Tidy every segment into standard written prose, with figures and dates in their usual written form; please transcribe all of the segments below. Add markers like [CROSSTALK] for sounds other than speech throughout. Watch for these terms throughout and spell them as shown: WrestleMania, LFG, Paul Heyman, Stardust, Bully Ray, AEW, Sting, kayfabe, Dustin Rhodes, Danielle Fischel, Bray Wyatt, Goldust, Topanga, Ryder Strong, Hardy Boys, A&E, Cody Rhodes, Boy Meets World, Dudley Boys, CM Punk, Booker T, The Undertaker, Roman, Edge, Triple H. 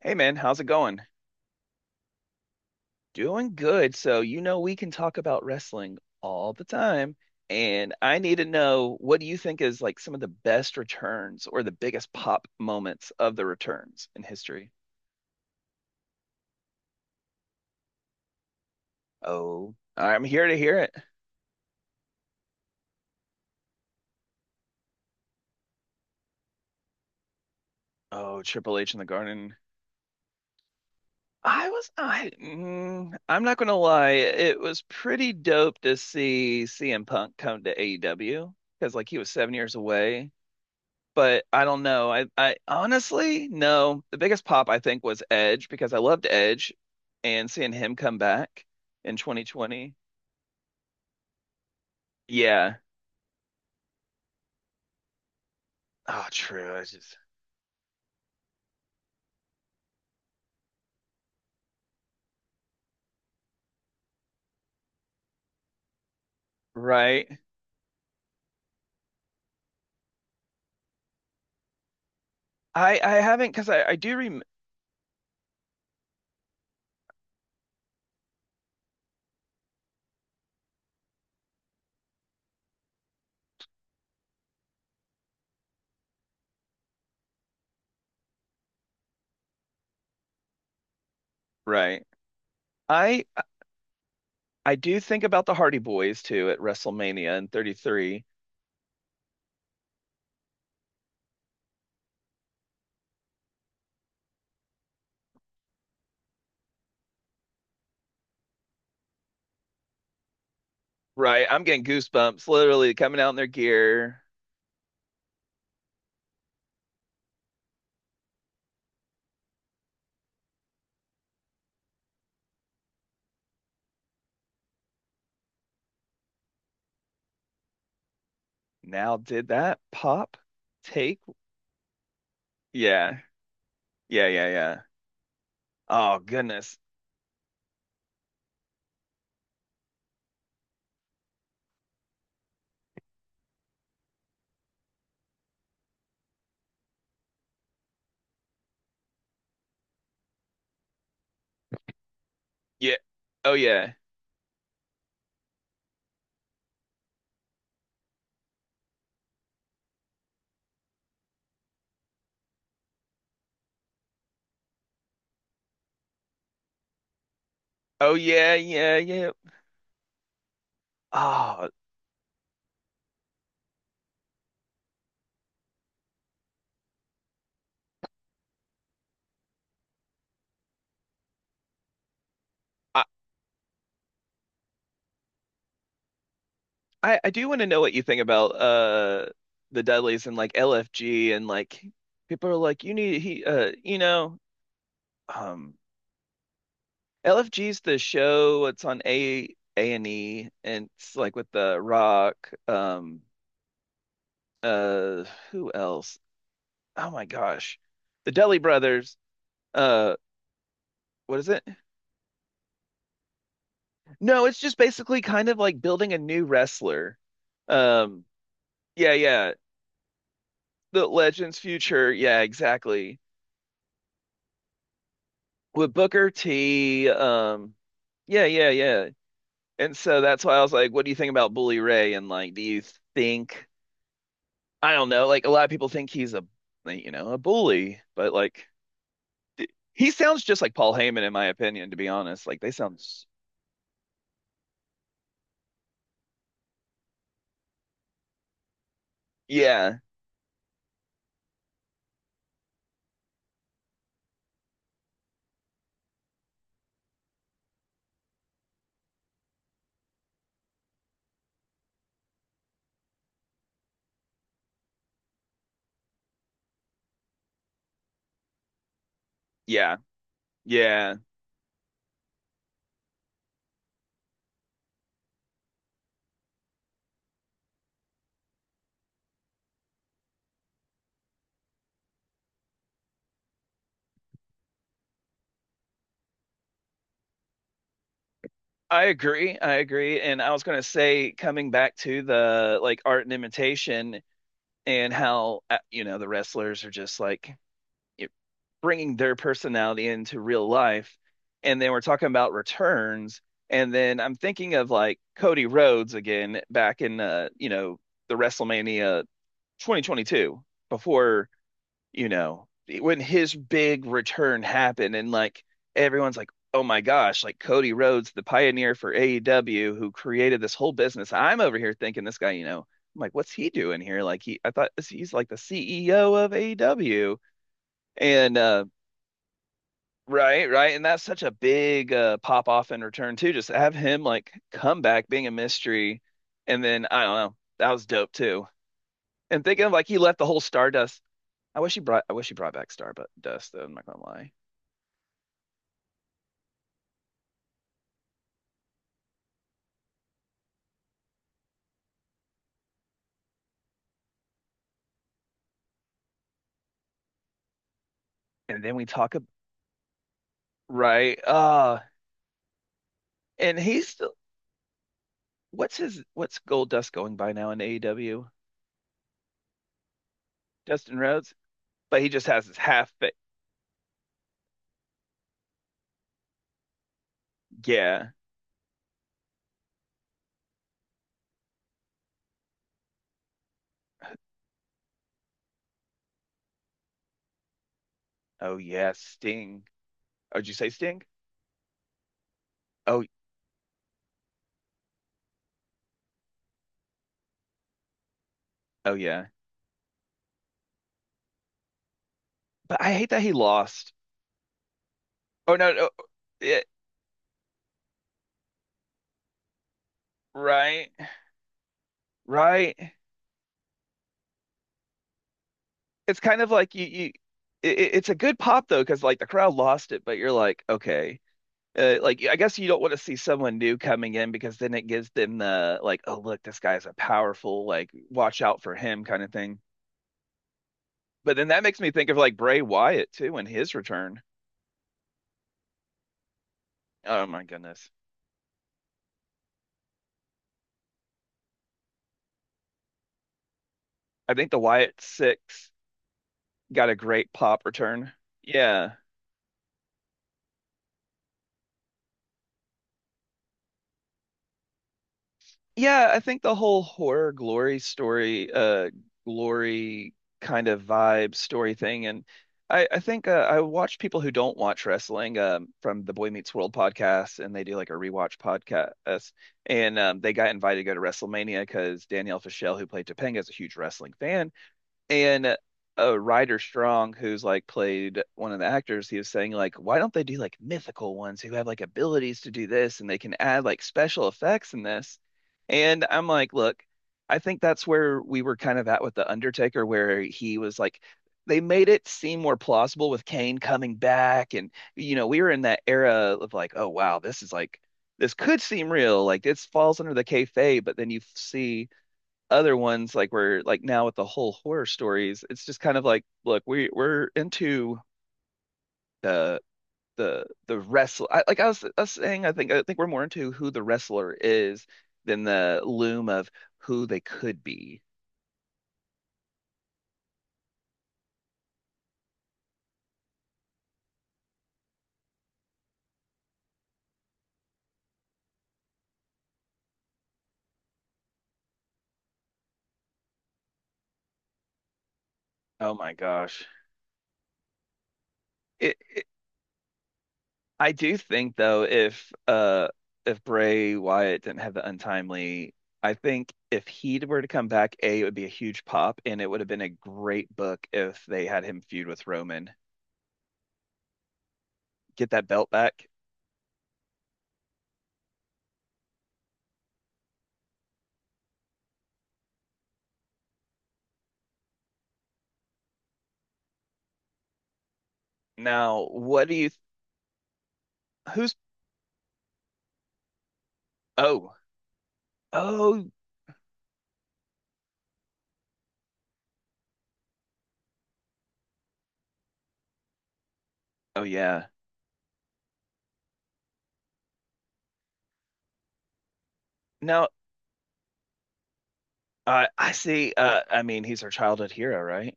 Hey man, how's it going? Doing good. So, you know, we can talk about wrestling all the time. And I need to know, what do you think is like some of the best returns or the biggest pop moments of the returns in history? Oh, I'm here to hear it. Oh, Triple H in the Garden. I'm not gonna lie, it was pretty dope to see CM Punk come to AEW because like he was 7 years away. But I don't know. I honestly, no. The biggest pop I think was Edge, because I loved Edge and seeing him come back in 2020. Yeah. Oh, true. I just right. I haven't because I do rem right. I I do think about the Hardy Boys too at WrestleMania in 33. Right. I'm getting goosebumps literally coming out in their gear. Now, did that pop take? Yeah. Yeah, yeah, yeah. Oh, goodness. Yeah. Oh, yeah. Oh yeah, yeah, yeah. Oh, I I do want to know what you think about the Dudleys and like LFG and like people are like you need he um LFG's the show, it's on A and E, and it's like with the Rock, uh who else? Oh my gosh. The Dudley brothers. Uh, what is it? No, it's just basically kind of like building a new wrestler. Um, yeah, yeah. The Legends future. Yeah, exactly. With Booker T. Yeah, yeah, yeah. And so that's why I was like, what do you think about Bully Ray? And like, do you think, I don't know, like a lot of people think he's a, like, you know, a bully, but like, he sounds just like Paul Heyman, in my opinion, to be honest. Like, they sound, yeah, yeah, yeah. I agree. I agree. And I was going to say, coming back to the like art and imitation, and how, you know, the wrestlers are just like bringing their personality into real life. And then we're talking about returns. And then I'm thinking of like Cody Rhodes again back in, you know, the WrestleMania 2022 before, you know, when his big return happened, and like everyone's like, "Oh my gosh, like Cody Rhodes, the pioneer for AEW who created this whole business." I'm over here thinking this guy, you know, I'm like, "What's he doing here?" Like he I thought he's like the CEO of AEW and right, right. And that's such a big, pop off and return too. Just have him like come back being a mystery, and then I don't know. That was dope too. And thinking of like he left the whole Stardust. I wish he brought back Stardust though, I'm not gonna lie. And then we talk ab- Right. Uh, and he's still what's his, what's Gold Dust going by now in AEW? Dustin Rhodes? But he just has his yeah. Oh yeah, Sting. Oh, did you say Sting? Oh, oh yeah. But I hate that he lost. Oh no, no. Yeah, right, right. It's kind of like you, it's a good pop though, because like the crowd lost it, but you're like, okay, like I guess you don't want to see someone new coming in, because then it gives them the like, oh look, this guy's a powerful, like watch out for him kind of thing. But then that makes me think of like Bray Wyatt too and his return. Oh my goodness, I think the Wyatt Six got a great pop return. Yeah. Yeah, I think the whole horror glory story, glory kind of vibe story thing, and I think, I watch people who don't watch wrestling, from the Boy Meets World podcast, and they do like a rewatch podcast, and they got invited to go to WrestleMania because Danielle Fischel, who played Topanga, is a huge wrestling fan, and Ryder Strong, who's like played one of the actors, he was saying like, why don't they do like mythical ones who have like abilities to do this and they can add like special effects in this? And I'm like, look, I think that's where we were kind of at with The Undertaker, where he was like, they made it seem more plausible with Kane coming back. And, you know, we were in that era of like, oh, wow, this is like, this could seem real. Like, this falls under the kayfabe, but then you see other ones like we're like now with the whole horror stories, it's just kind of like, look, we we're into the the wrestler. I was saying I think we're more into who the wrestler is than the loom of who they could be. Oh my gosh. It I do think though, if uh, if Bray Wyatt didn't have the untimely, I think if he were to come back, A, it would be a huge pop, and it would have been a great book if they had him feud with Roman, get that belt back. Now, what do you Th- who's oh, oh, oh yeah. Now I see. I mean, he's our childhood hero, right?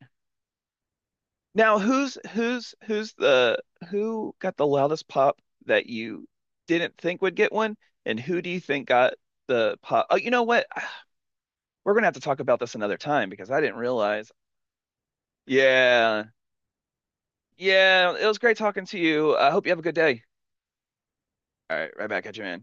Now, who's the who got the loudest pop that you didn't think would get one, and who do you think got the pop? Oh, you know what? [SIGHS] We're gonna have to talk about this another time because I didn't realize. Yeah, yeah. It was great talking to you. I hope you have a good day. All right, right back at you, man.